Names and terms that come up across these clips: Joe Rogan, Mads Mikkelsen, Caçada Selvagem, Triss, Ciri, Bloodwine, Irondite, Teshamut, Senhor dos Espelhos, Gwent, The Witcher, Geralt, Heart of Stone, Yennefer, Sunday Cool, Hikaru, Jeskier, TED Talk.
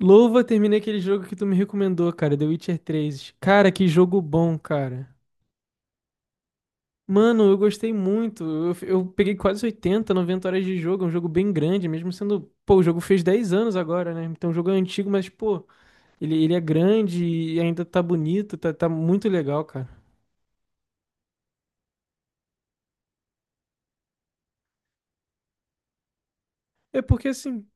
Louva, terminei aquele jogo que tu me recomendou, cara, The Witcher três. Cara, que jogo bom, cara. Mano, eu gostei muito. Eu peguei quase 80, 90 horas de jogo. É um jogo bem grande, mesmo sendo. Pô, o jogo fez 10 anos agora, né? Então o jogo é antigo, mas, pô, ele é grande e ainda tá bonito, tá, tá muito legal, cara. É porque assim.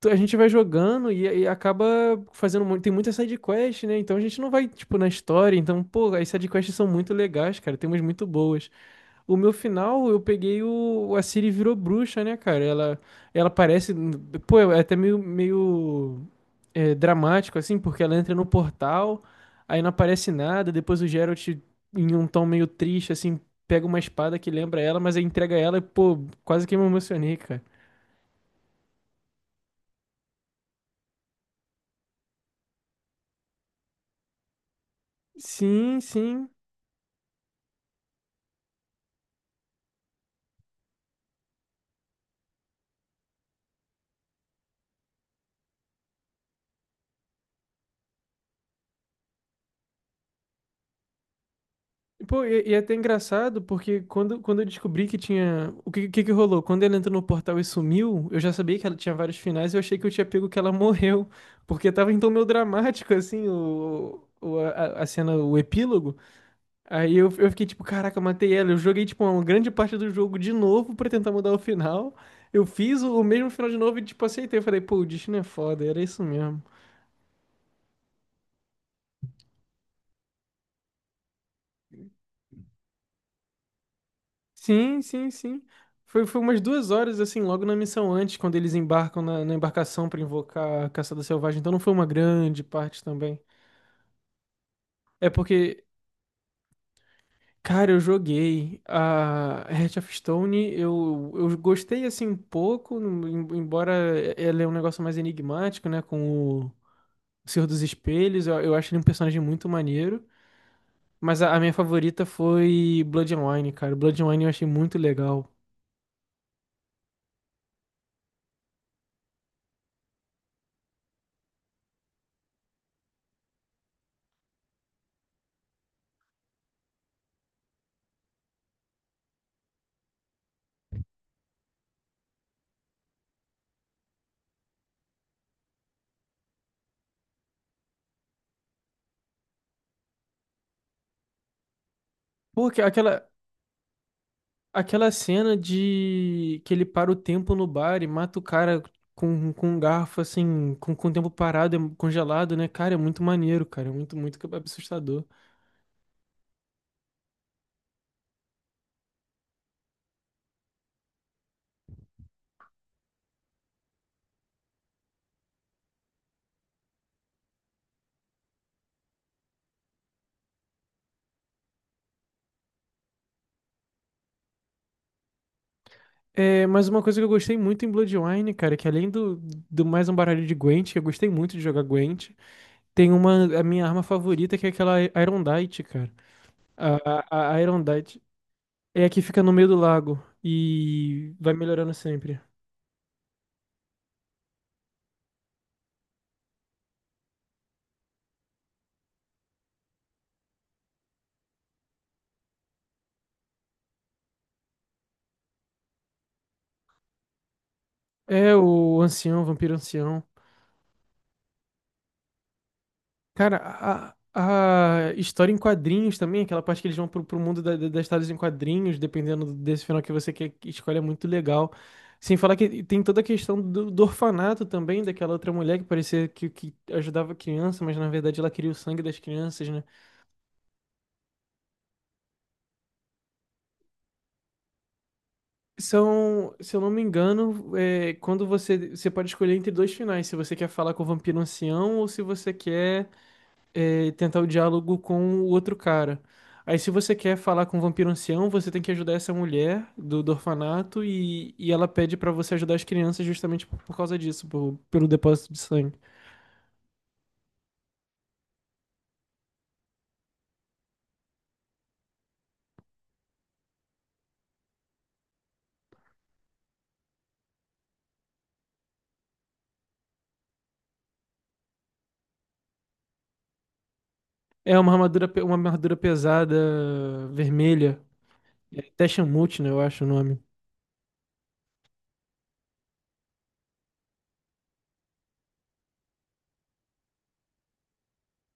A gente vai jogando e, acaba fazendo muito, tem muita side quest, né? Então a gente não vai, tipo, na história. Então, pô, as side quests são muito legais, cara. Tem umas muito boas. O meu final, eu peguei o. A Ciri virou bruxa, né, cara? Ela parece. Pô, é até meio, meio dramático, assim, porque ela entra no portal, aí não aparece nada. Depois o Geralt, em um tom meio triste, assim, pega uma espada que lembra ela, mas aí entrega ela e, pô, quase que me emocionei, cara. Sim, sim. Pô, e é até engraçado, porque quando, quando eu descobri que tinha. O que, que rolou? Quando ela entrou no portal e sumiu, eu já sabia que ela tinha vários finais e eu achei que eu tinha pego que ela morreu. Porque tava então meio dramático, assim, o, a cena, o epílogo. Aí eu fiquei tipo, caraca, eu matei ela. Eu joguei, tipo, uma grande parte do jogo de novo pra tentar mudar o final. Eu fiz o mesmo final de novo e, tipo, aceitei. Eu falei, pô, o destino é foda, era isso mesmo. Sim, sim, sim. Foi, foi umas duas horas, assim, logo na missão antes, quando eles embarcam na, na embarcação pra invocar a Caçada Selvagem. Então não foi uma grande parte também. É porque, cara, eu joguei a Heart of Stone, eu gostei, assim, um pouco, embora ela é um negócio mais enigmático, né, com o Senhor dos Espelhos. Eu acho ele um personagem muito maneiro. Mas a minha favorita foi Bloodwine, cara. Bloodwine eu achei muito legal. porque aquela, Aquela cena de que ele para o tempo no bar e mata o cara com um garfo, assim, com o tempo parado, é congelado, né? Cara, é muito maneiro, cara. É muito, muito assustador. É, mas uma coisa que eu gostei muito em Bloodwine, cara, é que além do, do mais um baralho de Gwent, que eu gostei muito de jogar Gwent, tem uma, a minha arma favorita, que é aquela Irondite, cara. A, a Irondite é a que fica no meio do lago e vai melhorando sempre. É o ancião, vampiro ancião. Cara, a história em quadrinhos também, aquela parte que eles vão pro, pro mundo das histórias em quadrinhos, dependendo desse final que você quer que escolha, é muito legal. Sem falar que tem toda a questão do, do orfanato também, daquela outra mulher que parecia que ajudava a criança, mas na verdade ela queria o sangue das crianças, né? São, se eu não me engano, é, quando você pode escolher entre dois finais, se você quer falar com o vampiro ancião ou se você quer. É, tentar o diálogo com o outro cara. Aí, se você quer falar com o vampiro ancião, você tem que ajudar essa mulher do, do orfanato e ela pede pra você ajudar as crianças justamente por causa disso, pelo depósito de sangue. É uma armadura, uma armadura pesada, vermelha. É Teshamut, né? Eu acho o nome.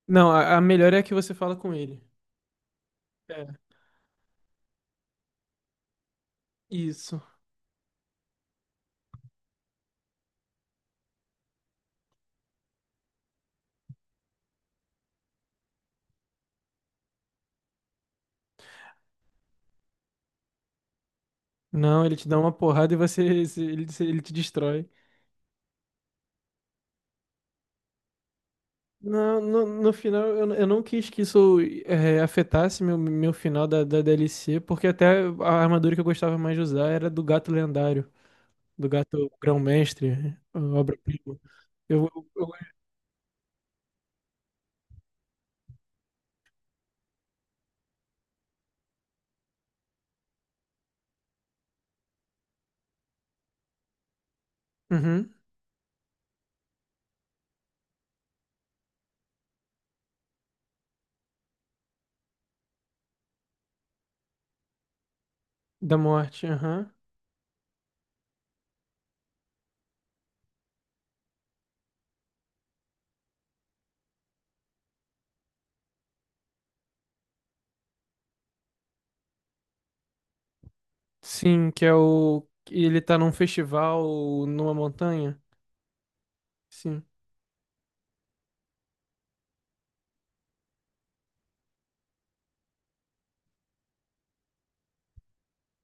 Não, a melhor é a que você fala com ele. É, isso. Não, ele te dá uma porrada e você, ele te destrói. No final, eu não quis que isso afetasse meu, meu final da, da DLC, porque até a armadura que eu gostava mais de usar era do gato lendário, do gato grão-mestre, a obra-prima. Eu, eu- Uhum, da morte, aham. Sim, que é o. Que ele tá num festival numa montanha? Sim.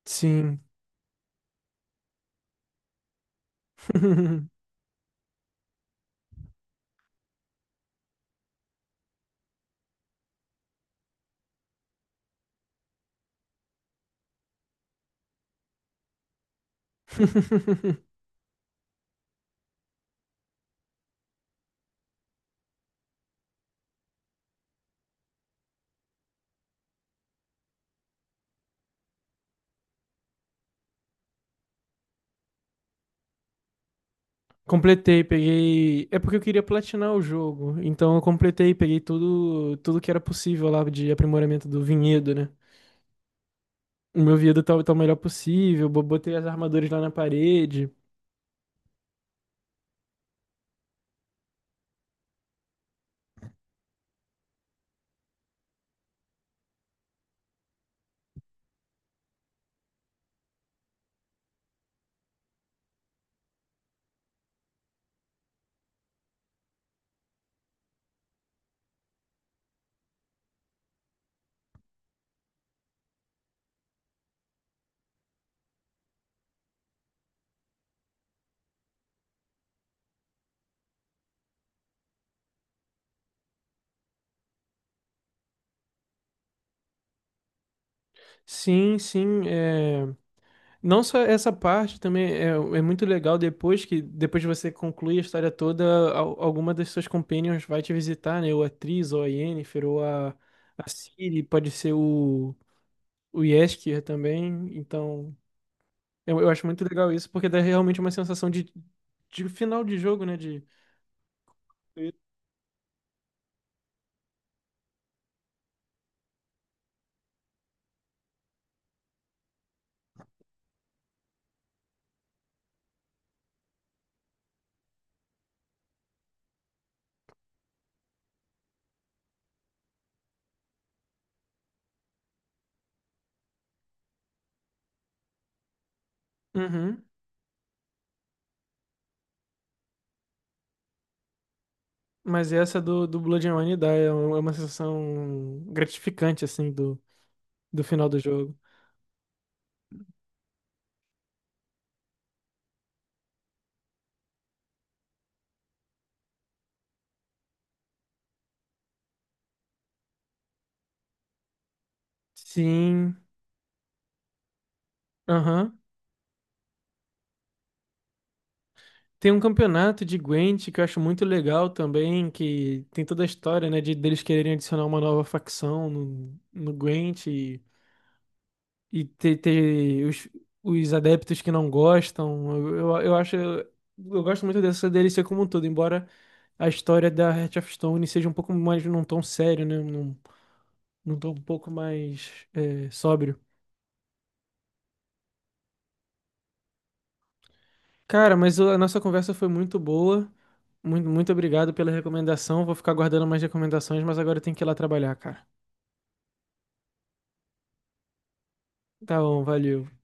Sim. Completei, peguei. É porque eu queria platinar o jogo. Então eu completei, peguei tudo, tudo que era possível lá de aprimoramento do vinhedo, né? O meu vinhedo tá, tá o melhor possível, botei as armaduras lá na parede. Sim, sim. É, não só essa parte também é, é muito legal depois que depois de você concluir a história toda, alguma das suas companions vai te visitar, né? Ou a Triss, ou a Yennefer, ou a Ciri, pode ser o Jeskier também. Então eu acho muito legal isso, porque dá realmente uma sensação de final de jogo, né? De... Uhum. Mas essa do, do Blood and Wine dá, é uma sensação gratificante, assim, do, do final do jogo. Sim, aham. Tem um campeonato de Gwent que eu acho muito legal também, que tem toda a história, né, de deles quererem adicionar uma nova facção no, no Gwent e, ter, ter os adeptos que não gostam. Eu acho... Eu gosto muito dessa DLC como um todo, embora... a história da Heart of Stone seja um pouco mais num tom sério, né? Num, num tom um pouco mais sóbrio. Cara, mas a nossa conversa foi muito boa. Muito, muito obrigado pela recomendação. Vou ficar guardando mais recomendações, mas agora eu tenho que ir lá trabalhar, cara. Tá bom, valeu.